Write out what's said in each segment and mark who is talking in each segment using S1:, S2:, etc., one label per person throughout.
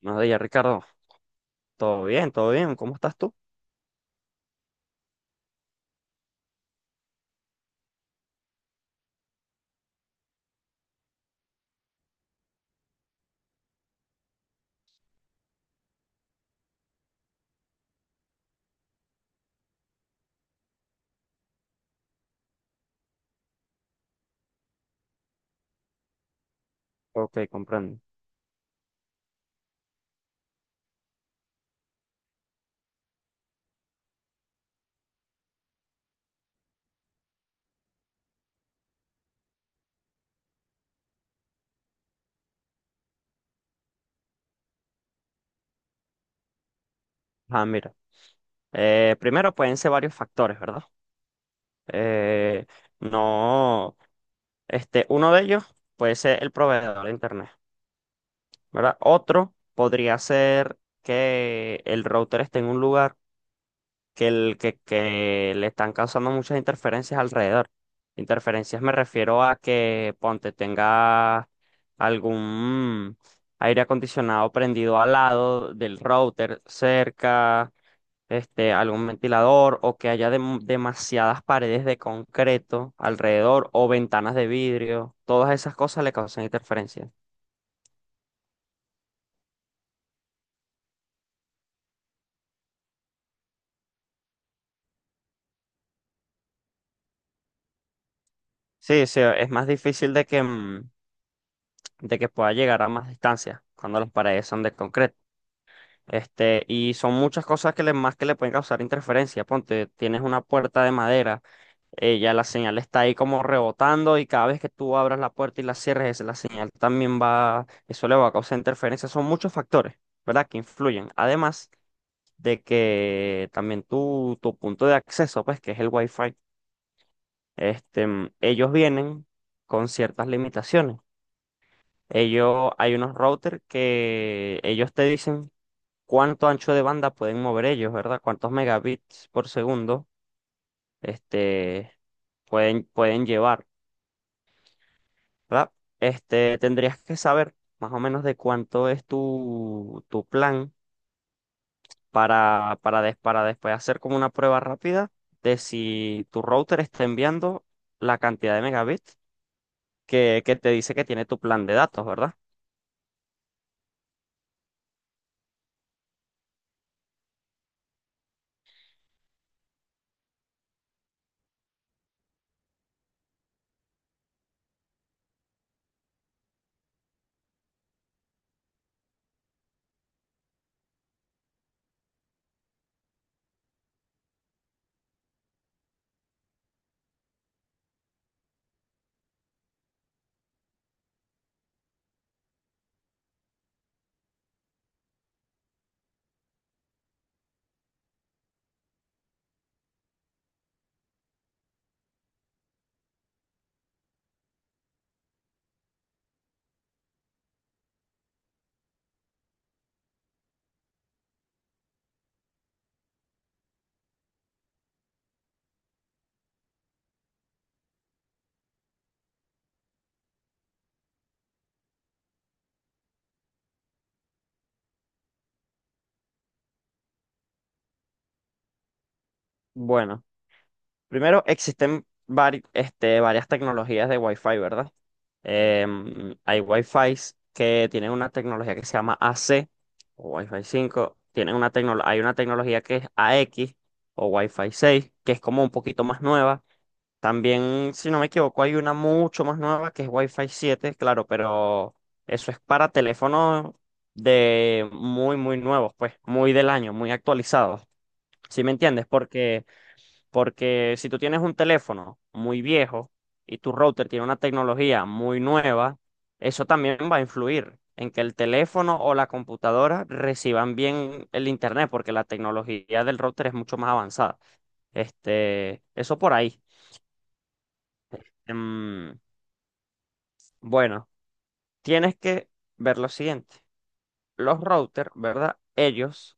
S1: Buenos días, Ricardo. ¿Todo bien? ¿Todo bien? ¿Cómo estás tú? Ok, comprendo. Ah, mira. Primero pueden ser varios factores, ¿verdad? Eh, no, uno de ellos puede ser el proveedor de internet, ¿verdad? Otro podría ser que el router esté en un lugar que le están causando muchas interferencias alrededor. Interferencias me refiero a que, ponte, tenga algún aire acondicionado prendido al lado del router cerca, algún ventilador o que haya demasiadas paredes de concreto alrededor o ventanas de vidrio. Todas esas cosas le causan interferencia. Sí, sí, es más difícil de que pueda llegar a más distancia cuando las paredes son de concreto. Y son muchas cosas que le, más que le pueden causar interferencia. Ponte, tienes una puerta de madera, ya la señal está ahí como rebotando y cada vez que tú abras la puerta y la cierres, la señal también va, eso le va a causar interferencia. Son muchos factores, ¿verdad? Que influyen. Además de que también tu punto de acceso, pues, que es el Wi-Fi, ellos vienen con ciertas limitaciones. Ellos, hay unos routers que ellos te dicen cuánto ancho de banda pueden mover ellos, ¿verdad? Cuántos megabits por segundo este, pueden llevar, ¿verdad? Tendrías que saber más o menos de cuánto es tu plan para después hacer como una prueba rápida de si tu router está enviando la cantidad de megabits que te dice que tiene tu plan de datos, ¿verdad? Bueno, primero existen varias tecnologías de Wi-Fi, ¿verdad? Hay Wi-Fi que tienen una tecnología que se llama AC o Wi-Fi 5. Hay una tecnología que es AX o Wi-Fi 6 que es como un poquito más nueva. También, si no me equivoco, hay una mucho más nueva que es Wi-Fi 7. Claro, pero eso es para teléfonos de muy, muy nuevos, pues, muy del año, muy actualizados. ¿Sí me entiendes? Porque si tú tienes un teléfono muy viejo y tu router tiene una tecnología muy nueva, eso también va a influir en que el teléfono o la computadora reciban bien el internet, porque la tecnología del router es mucho más avanzada. Eso por ahí. Em, bueno, tienes que ver lo siguiente. Los routers, ¿verdad? Ellos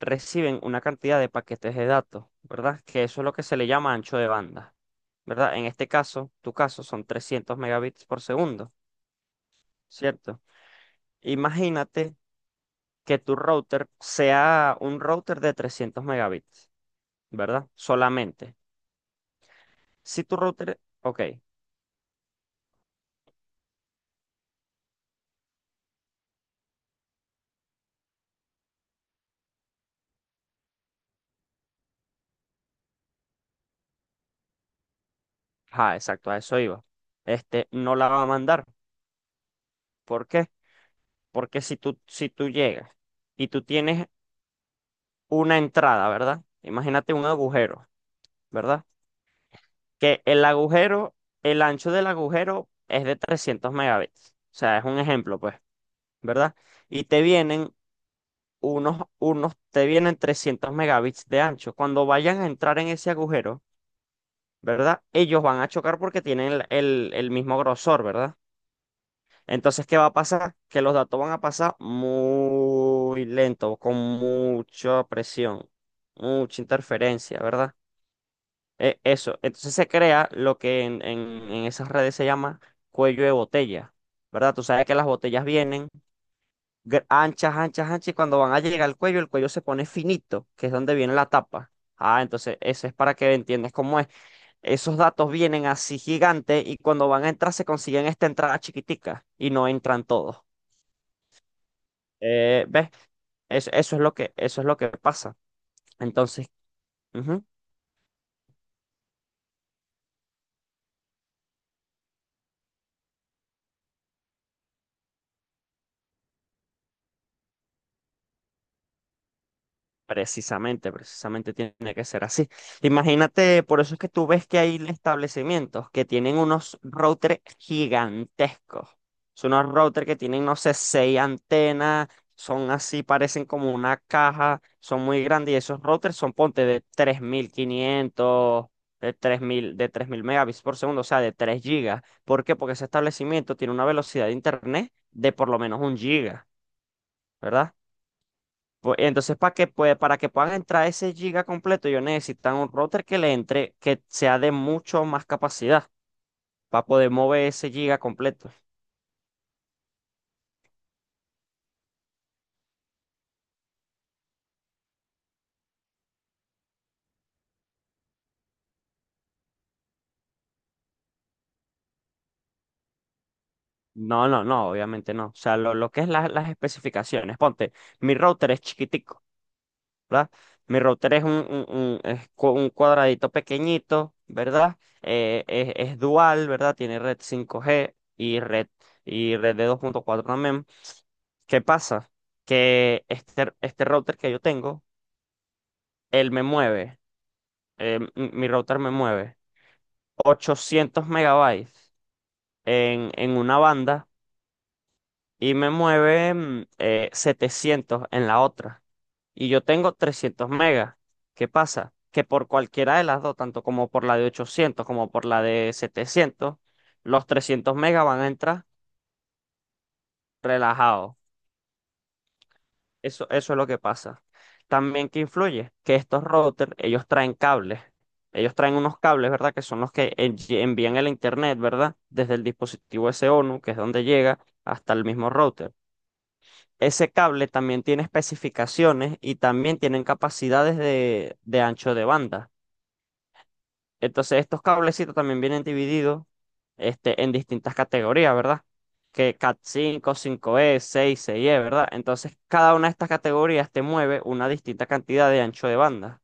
S1: reciben una cantidad de paquetes de datos, ¿verdad? Que eso es lo que se le llama ancho de banda, ¿verdad? En este caso, tu caso son 300 megabits por segundo, ¿cierto? Imagínate que tu router sea un router de 300 megabits, ¿verdad? Solamente. Si tu router, ok, ah, exacto, a eso iba. Este no la va a mandar. ¿Por qué? Porque si tú llegas y tú tienes una entrada, ¿verdad? Imagínate un agujero, ¿verdad? Que el agujero, el ancho del agujero es de 300 megabits. O sea, es un ejemplo, pues, ¿verdad? Y te vienen 300 megabits de ancho. Cuando vayan a entrar en ese agujero, ¿verdad? Ellos van a chocar porque tienen el mismo grosor, ¿verdad? Entonces, ¿qué va a pasar? Que los datos van a pasar muy lento, con mucha presión, mucha interferencia, ¿verdad? Eso, entonces se crea lo que en esas redes se llama cuello de botella, ¿verdad? Tú sabes que las botellas vienen anchas, anchas, anchas, y cuando van a llegar al cuello, el cuello se pone finito, que es donde viene la tapa. Ah, entonces eso es para que entiendas cómo es. Esos datos vienen así gigantes y cuando van a entrar se consiguen esta entrada chiquitica y no entran todos. ¿Ves? Eso es lo que pasa. Entonces, ujú. Precisamente, precisamente tiene que ser así. Imagínate, por eso es que tú ves que hay establecimientos que tienen unos routers gigantescos. Son unos routers que tienen, no sé, seis antenas, son así, parecen como una caja, son muy grandes y esos routers son, ponte, de 3500, de tres mil megabits por segundo, o sea, de 3 gigas. ¿Por qué? Porque ese establecimiento tiene una velocidad de internet de por lo menos 1 giga, ¿verdad? Pues, entonces, para que puedan entrar ese giga completo, ellos necesitan un router que le entre, que sea de mucho más capacidad para poder mover ese giga completo. No, no, no, obviamente no. O sea, lo que es las especificaciones. Ponte, mi router es chiquitico, ¿verdad? Mi router es un cuadradito pequeñito, ¿verdad? Es dual, ¿verdad? Tiene red 5G y red de dos punto cuatro también. ¿Qué pasa? Que este router que yo tengo él me mueve, m- mi router me mueve 800 megabytes en una banda y me mueve 700 en la otra. Y yo tengo 300 megas. ¿Qué pasa? Que por cualquiera de las dos, tanto como por la de 800 como por la de 700, los 300 megas van a entrar relajados. Eso es lo que pasa. También que influye que estos routers, ellos traen cables. Ellos traen unos cables, ¿verdad? Que son los que envían el internet, ¿verdad? Desde el dispositivo SONU, que es donde llega, hasta el mismo router. Ese cable también tiene especificaciones y también tienen capacidades de, ancho de banda. Entonces, estos cablecitos también vienen divididos en distintas categorías, ¿verdad? Que Cat cinco, cinco e, seis, seis e, ¿verdad? Entonces, cada una de estas categorías te mueve una distinta cantidad de ancho de banda.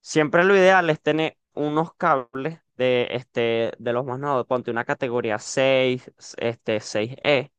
S1: Siempre lo ideal es tener unos cables de, de los más nuevos, ponte una categoría seis, seis e.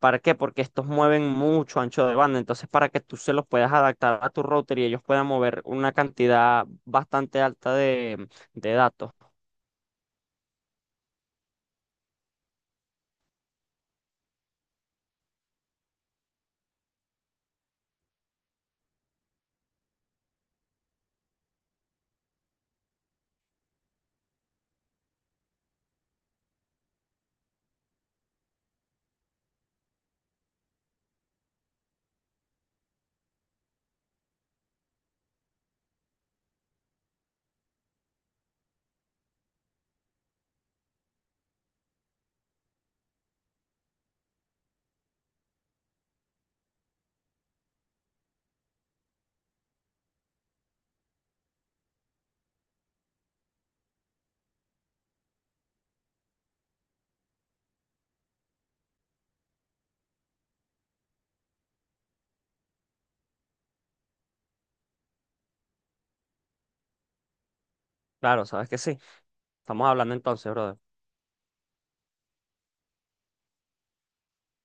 S1: ¿Para qué? Porque estos mueven mucho ancho de banda. Entonces, para que tú se los puedas adaptar a tu router y ellos puedan mover una cantidad bastante alta de datos. Claro, sabes que sí. Estamos hablando entonces, brother.